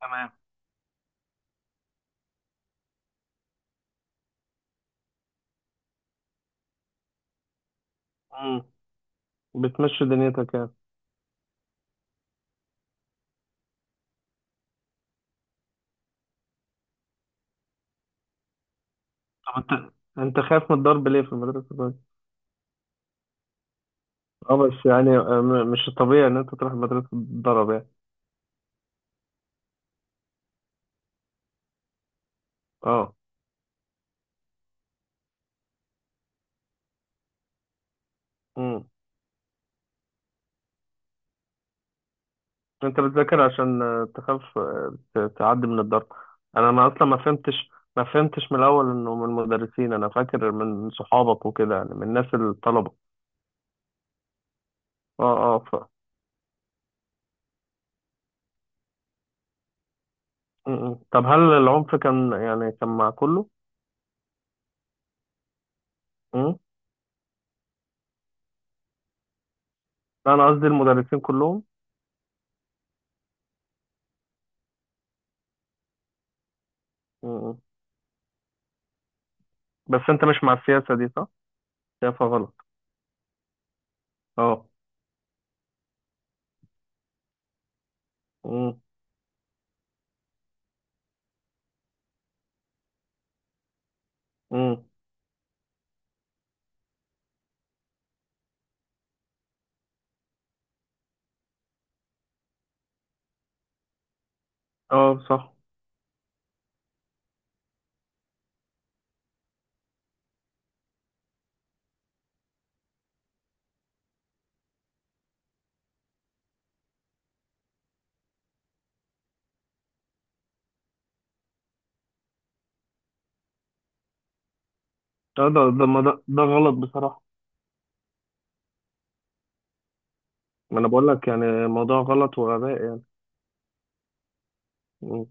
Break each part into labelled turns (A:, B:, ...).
A: تمام. امم بتمشي دنيتك يعني. طب انت خايف من الضرب ليه في مدرسة الضرب؟ اه بس يعني مش الطبيعي ان انت تروح مدرسة الضرب يعني. اه. امم انت بتذاكر عشان تخاف، تعدي من الضرب. انا ما فهمتش من الاول انه من المدرسين، انا فاكر من صحابك وكده يعني، من الناس الطلبة. اه اه ف... م- م. طب هل العنف كان يعني كان مع كله؟ امم انا قصدي المدرسين كلهم. امم. بس انت مش مع السياسة دي، صح؟ شايفها غلط. اه. امم. امم. اه صح. اه ده غلط بصراحة. ما انا بقول لك يعني الموضوع غلط وغباء يعني. امم.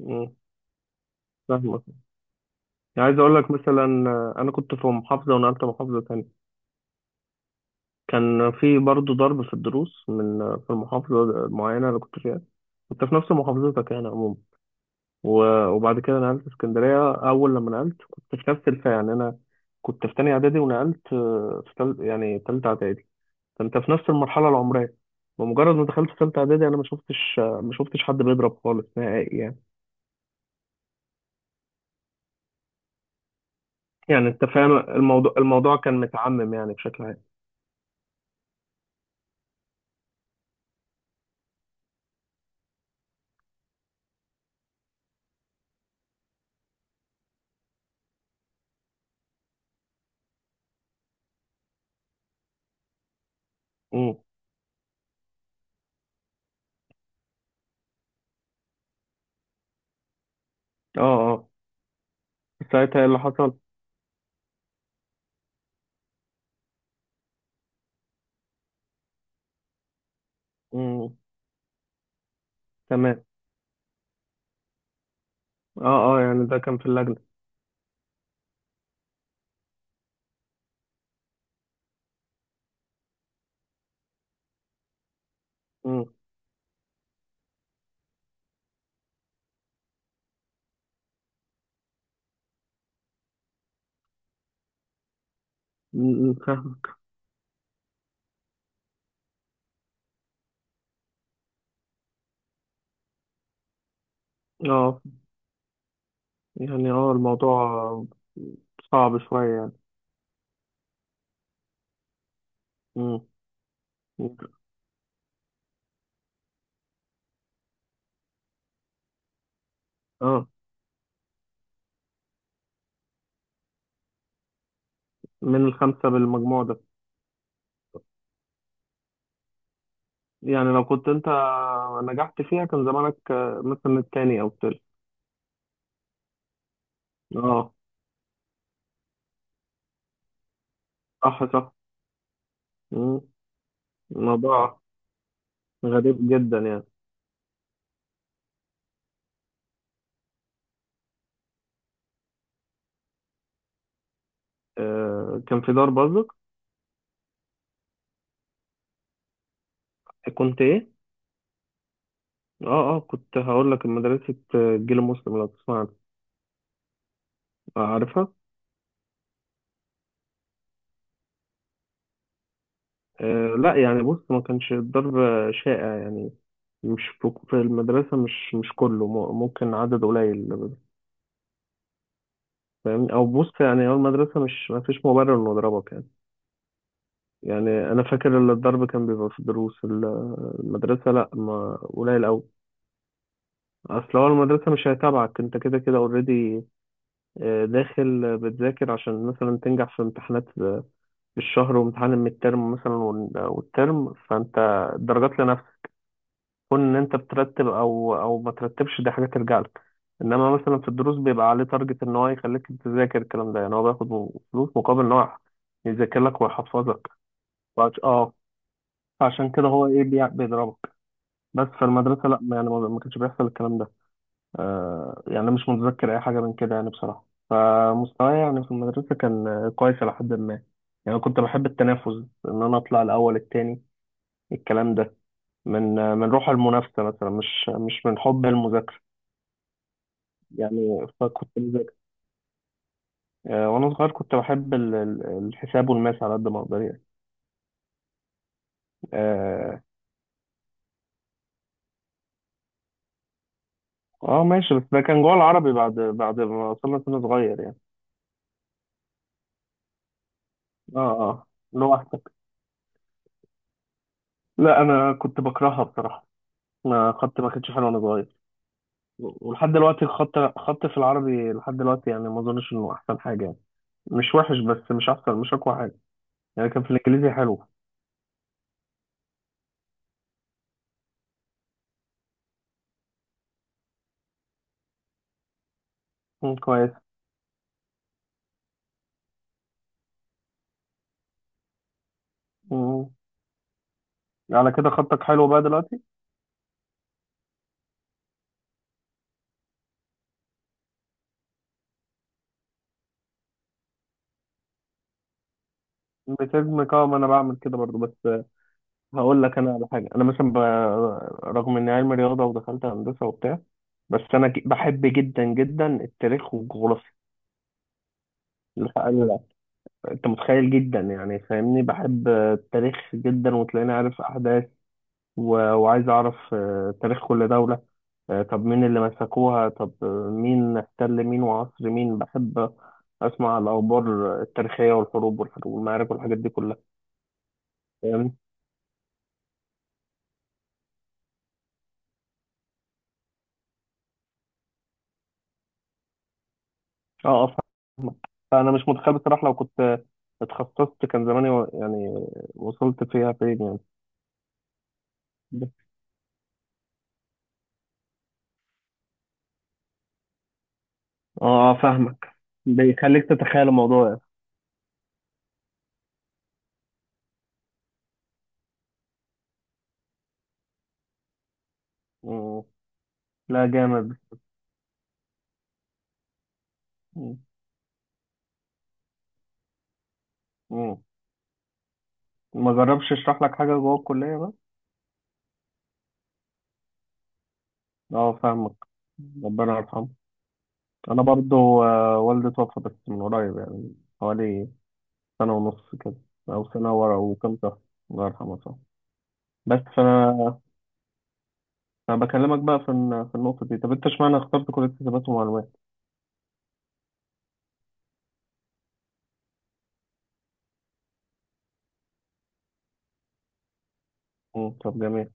A: امم. فاهمك. يعني عايز اقول لك مثلا، انا كنت في محافظة ونقلت محافظة تانية. كان في برضه ضرب في الدروس من آه، في المحافظة المعينة اللي كنت فيها. كنت في نفس محافظتك يعني عموما. وبعد كده نقلت اسكندرية. أول لما نقلت كنت في نفس الفئة، يعني أنا كنت في تانية إعدادي ونقلت يعني تالتة إعدادي، فانت في نفس المرحله العمريه. بمجرد ما دخلت ثالثه اعدادي، انا ما شفتش حد بيضرب خالص نهائي يعني. يعني انت فاهم الموضوع، الموضوع كان متعمم يعني بشكل عام. امم. اه اه. ساعتها إيه اللي حصل؟ امم. تمام. اه اه يعني ده كان في اللجنه. امم. أمم، فاهم. اه يعني اه الموضوع صعب شويه يعني. امم. اه. من الخمسه بالمجموع ده؟ يعني لو كنت انت نجحت فيها كان زمانك، مثلا التاني او التالت. اه صح صح. مم. موضوع غريب جدا يعني. آه، كان في دار برضك. كنت ايه؟ اه اه كنت هقول لك مدرسة جيل مسلم، لو تسمع عنها. عارفها؟ آه لا يعني بص، ما كانش الضرب شائع يعني، مش في في المدرسة، مش كله، ممكن عدد قليل. فاهمني؟ او بص يعني، هو المدرسة مش، ما فيش مبرر انه يضربك يعني. يعني انا فاكر ان الضرب كان بيبقى في المدرسة لا، ما قليل قوي. اصل هو المدرسة مش هيتابعك، انت كده كده اوريدي داخل بتذاكر عشان مثلا تنجح في امتحانات الشهر وامتحان المترم مثلا والترم، فانت درجات لنفسك. كون ان انت بترتب او ما ترتبش دي حاجه ترجع لك. انما مثلا في الدروس بيبقى عليه تارجت ان هو يخليك تذاكر الكلام ده، يعني هو بياخد فلوس مقابل ان هو يذاكر لك ويحفظك. اه، عشان كده هو ايه بيضربك. بس في المدرسه لا، يعني ما كانش بيحصل الكلام ده. يعني أنا مش متذكر أي حاجة من كده يعني بصراحة. فمستواي يعني في المدرسة كان كويس إلى حد ما. يعني كنت بحب التنافس، إن أنا أطلع الأول التاني، الكلام ده، من روح المنافسة مثلا، مش من حب المذاكرة يعني، فكنت بذاكر. وأنا صغير كنت بحب الحساب والماس على قد ما أقدر يعني. آه ماشي، بس ده كان جوه العربي بعد ما وصلنا سن صغير يعني. آه. آه. لوحدك؟ لا أنا كنت بكرهها بصراحة. ما كنتش حلوة وأنا صغير. ولحد دلوقتي الخط، خط في العربي لحد دلوقتي يعني ما اظنش انه احسن حاجه يعني. مش وحش، بس مش احسن، مش اقوى حاجه. يعني كان في الانجليزي حلو. مم، كويس. مم. على كده خطك حلو بقى دلوقتي. بتهجمك؟ اه ما انا بعمل كده برضو، بس هقول لك انا على حاجه. انا مثلا رغم اني علمي رياضه ودخلت هندسه وبتاع، بس انا بحب جدا جدا التاريخ والجغرافيا، الحقيقة. انت متخيل جدا يعني، فاهمني؟ بحب التاريخ جدا وتلاقيني عارف احداث و... وعايز اعرف تاريخ كل دوله. طب مين اللي مسكوها، طب مين احتل مين وعصر مين. بحب اسمع الاخبار التاريخيه والحروب والمعارك والحاجات دي كلها. فاهمني. اه فانا مش متخيل بصراحه، لو كنت اتخصصت كان زماني يعني وصلت فيها فين يعني. اه فاهمك. بيخليك تتخيل الموضوع يعني. مم. لا جامد. مم. مم. ما جربش اشرح لك حاجه جوه الكليه بقى. اه فاهمك. ربنا يرحمه. انا برضو والدي توفى، بس من قريب يعني، حوالي سنة ونص كده، أو سنة ورا وكام شهر. الله يرحمه صح. بس فأنا، أنا بكلمك بقى في في النقطة دي. طب أنت اشمعنى اخترت كلية حسابات ومعلومات؟ مم، طب جميل.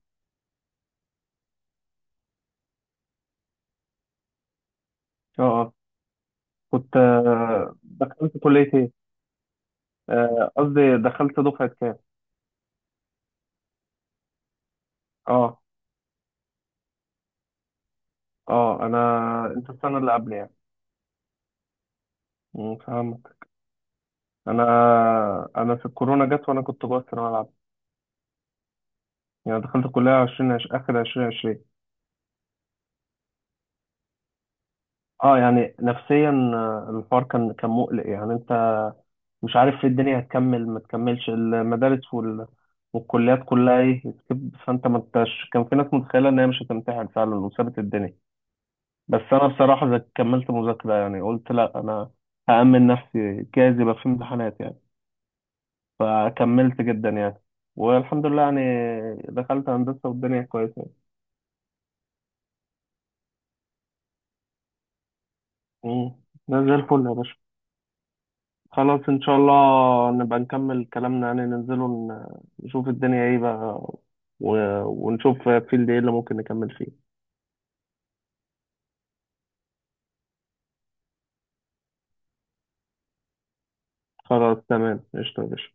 A: أه أه. كنت دخلت كلية إيه؟ قصدي دخلت دفعة كام؟ أه أه. أنا، أنت السنة اللي قبل يعني. مم، فهمت. أنا أنا في الكورونا جت وأنا كنت جوه الثانوية العامة. يعني دخلت الكلية 20 آخر 2020. أه يعني نفسيا، الحوار كان مقلق يعني. أنت مش عارف الدنيا هتكمل ما تكملش، المدارس والكليات كلها ايه سكيب. فانت ما انتش، كان في ناس متخيله ان هي مش هتمتحن فعلا وسابت الدنيا. بس انا بصراحه كملت مذاكره يعني. قلت لا، انا هأمن نفسي، جايز يبقى في امتحانات يعني. فكملت جدا يعني. والحمد لله يعني دخلت هندسه والدنيا كويسه يعني. مم. ده زي الفل يا باشا. خلاص ان شاء الله نبقى نكمل كلامنا يعني، ننزله، نشوف الدنيا ايه بقى و... ونشوف فيلد ايه اللي ممكن نكمل فيه. خلاص تمام، قشطة يا باشا.